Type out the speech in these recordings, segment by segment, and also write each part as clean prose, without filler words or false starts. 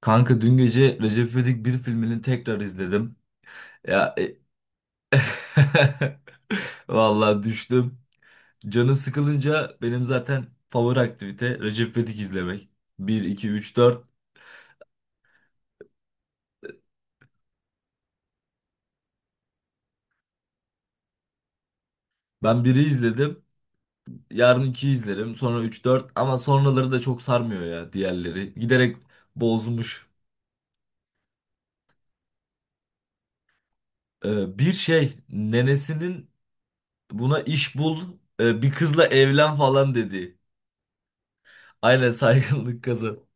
Kanka dün gece Recep İvedik bir filmini tekrar izledim. Ya e, vallahi düştüm. Canı sıkılınca benim zaten favori aktivite Recep İvedik izlemek. Bir 2 3 4. Ben biri izledim. Yarın 2'yi izlerim. Sonra 3 4. Ama sonraları da çok sarmıyor ya diğerleri. Giderek bozmuş. Bir şey nenesinin buna iş bul, bir kızla evlen falan dedi. Aynen saygınlık kazan.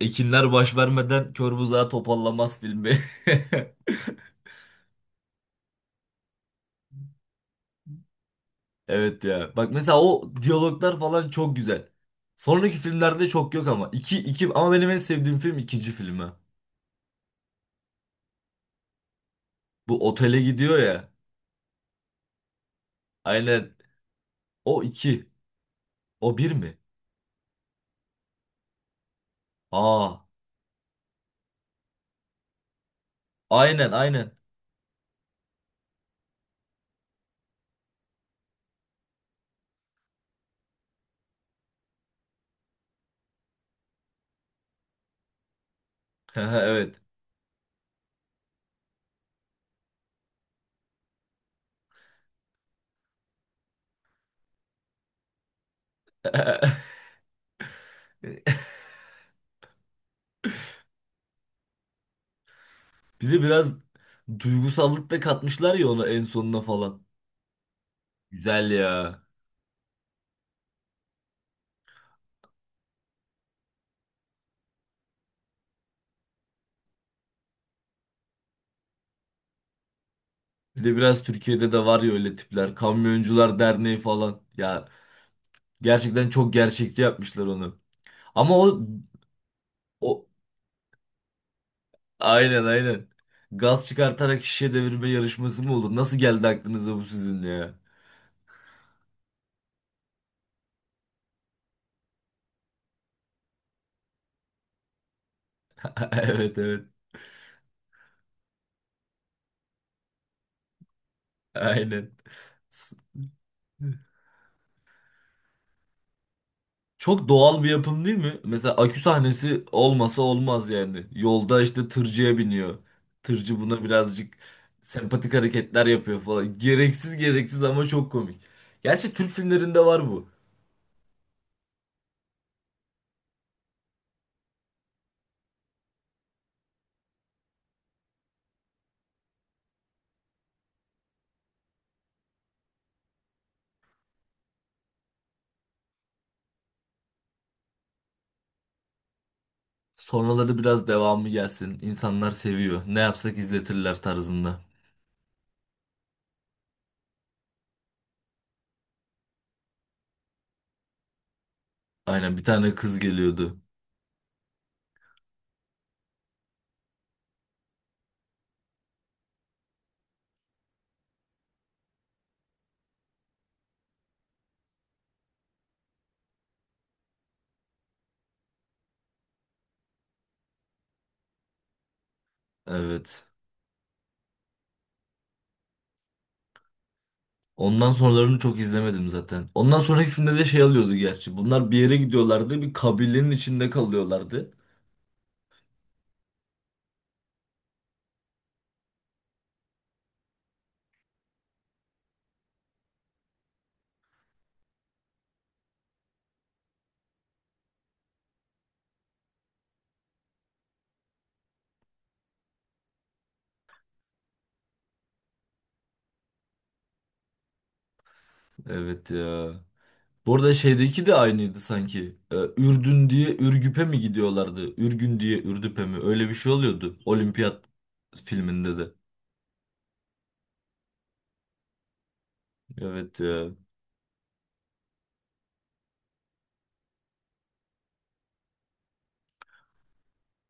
Ekinler baş vermeden kör buzağı topallamaz filmi. Evet ya. Bak mesela o diyaloglar falan çok güzel. Sonraki filmlerde çok yok ama. Ama benim en sevdiğim film ikinci filmi. Bu otele gidiyor ya. Aynen. O iki. O bir mi? Aa. Aynen, aynen. Evet. Bir de biraz duygusallık da katmışlar ya ona en sonuna falan. Güzel ya. Bir de biraz Türkiye'de de var ya öyle tipler. Kamyoncular Derneği falan. Ya, gerçekten çok gerçekçi yapmışlar onu. Ama o, o aynen, aynen. Gaz çıkartarak şişe devirme yarışması mı olur? Nasıl geldi aklınıza bu sizin ya? Evet, evet. Aynen. Çok doğal bir yapım değil mi? Mesela akü sahnesi olmasa olmaz yani. Yolda işte tırcıya biniyor. Tırcı buna birazcık sempatik hareketler yapıyor falan. Gereksiz gereksiz ama çok komik. Gerçi Türk filmlerinde var bu. Sonraları biraz devamı gelsin. İnsanlar seviyor. Ne yapsak izletirler tarzında. Aynen bir tane kız geliyordu. Evet. Ondan sonralarını çok izlemedim zaten. Ondan sonraki filmde de şey alıyordu gerçi. Bunlar bir yere gidiyorlardı. Bir kabilenin içinde kalıyorlardı. Evet ya. Bu arada şeydeki de aynıydı sanki. Ürdün diye Ürgüp'e mi gidiyorlardı? Ürgün diye Ürdüp'e mi? Öyle bir şey oluyordu. Olimpiyat filminde de. Evet ya.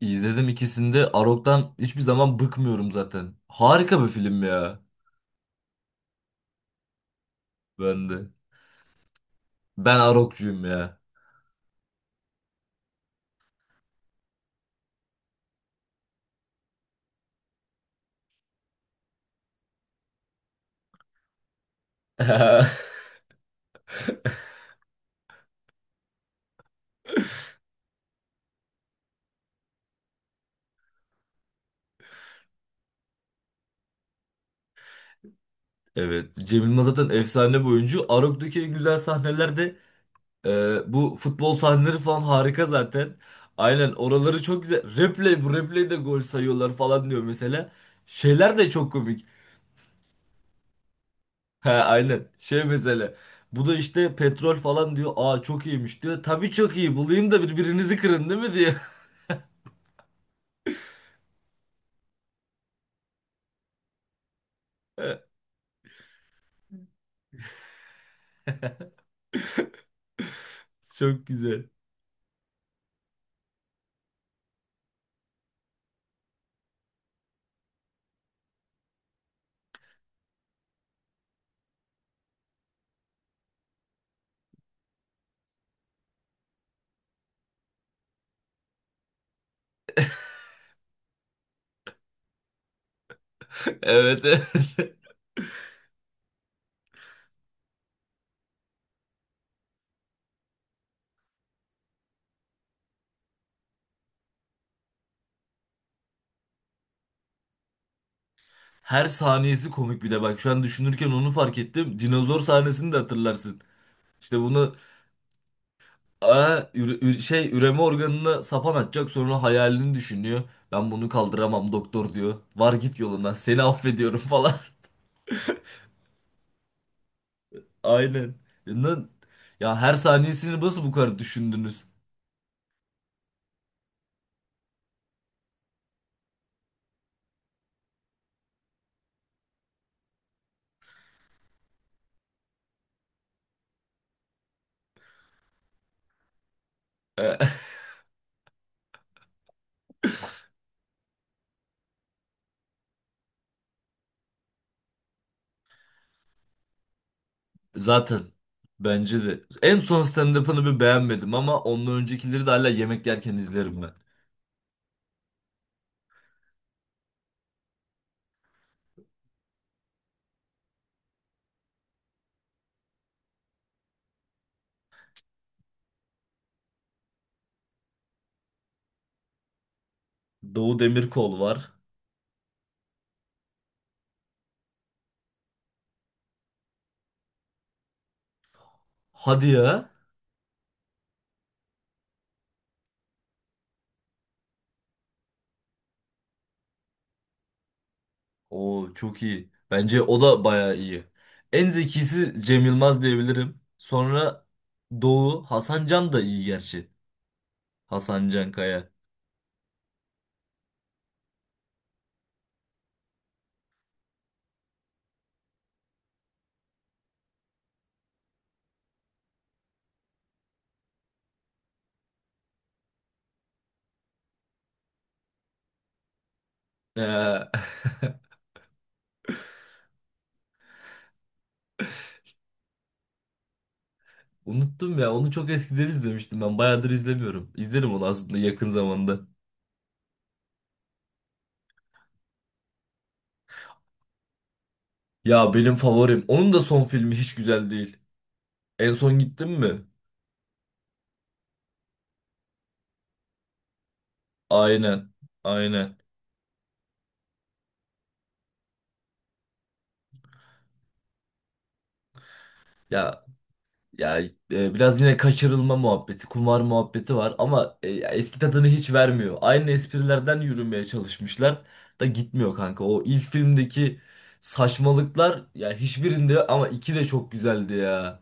İzledim ikisini de. Arok'tan hiçbir zaman bıkmıyorum zaten. Harika bir film ya. Ben de. Ben Arok'cuyum ya. Evet. Cem Yılmaz zaten efsane bir oyuncu. Arok'taki en güzel sahnelerde bu futbol sahneleri falan harika zaten. Aynen oraları çok güzel. Replay bu replay'de gol sayıyorlar falan diyor mesela. Şeyler de çok komik. Ha aynen. Şey mesela. Bu da işte petrol falan diyor. Aa çok iyiymiş diyor. Tabii çok iyi. Bulayım da birbirinizi kırın değil mi diyor. Çok güzel. Evet. Her saniyesi komik bir de bak şu an düşünürken onu fark ettim. Dinozor sahnesini de hatırlarsın. İşte bunu aa, şey üreme organına sapan atacak sonra hayalini düşünüyor. Ben bunu kaldıramam doktor diyor. Var git yolundan seni affediyorum falan. Aynen. Lan, ya her saniyesini nasıl bu kadar düşündünüz? E, zaten bence de. En son stand-up'ını bir beğenmedim ama ondan öncekileri de hala yemek yerken izlerim ben. Doğu Demirkol var. Hadi ya. Oo çok iyi. Bence o da bayağı iyi. En zekisi Cem Yılmaz diyebilirim. Sonra Doğu Hasan Can da iyi gerçi. Hasan Can Kaya. Ee, unuttum ya. Onu çok eskiden izlemiştim ben. Bayağıdır izlemiyorum. İzlerim onu aslında yakın zamanda. Ya benim favorim. Onun da son filmi hiç güzel değil. En son gittin mi? Aynen. Aynen. Ya Ya biraz yine kaçırılma muhabbeti, kumar muhabbeti var ama ya eski tadını hiç vermiyor. Aynı esprilerden yürümeye çalışmışlar da gitmiyor kanka. O ilk filmdeki saçmalıklar ya hiçbirinde ama iki de çok güzeldi ya.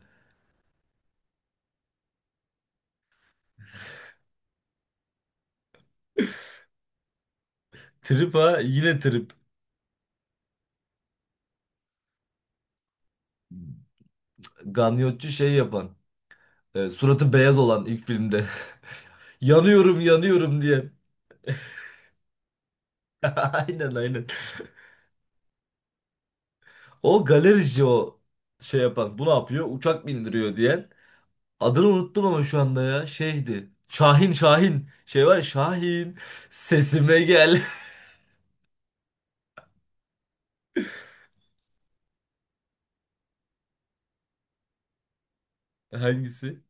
Trip ha yine trip. Ganyotçu şey yapan, suratı beyaz olan ilk filmde. Yanıyorum yanıyorum diye. Aynen, aynen. O galerici o şey yapan bu ne yapıyor? Uçak bindiriyor diyen. Adını unuttum ama şu anda ya. Şeydi. Şahin Şahin. Şey var ya Şahin. Sesime gel. Hangisi?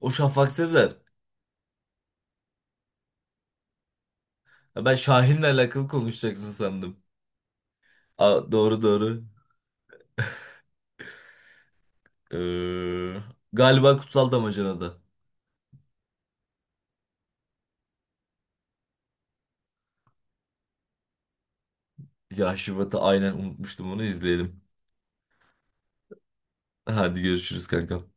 O Şafak Sezer. Ha, ben Şahin'le alakalı konuşacaksın sandım. Aa, doğru doğru. Ee, galiba Kutsal Damacana'da. Ya Şubat'ı aynen unutmuştum onu izleyelim. Hadi görüşürüz kankam.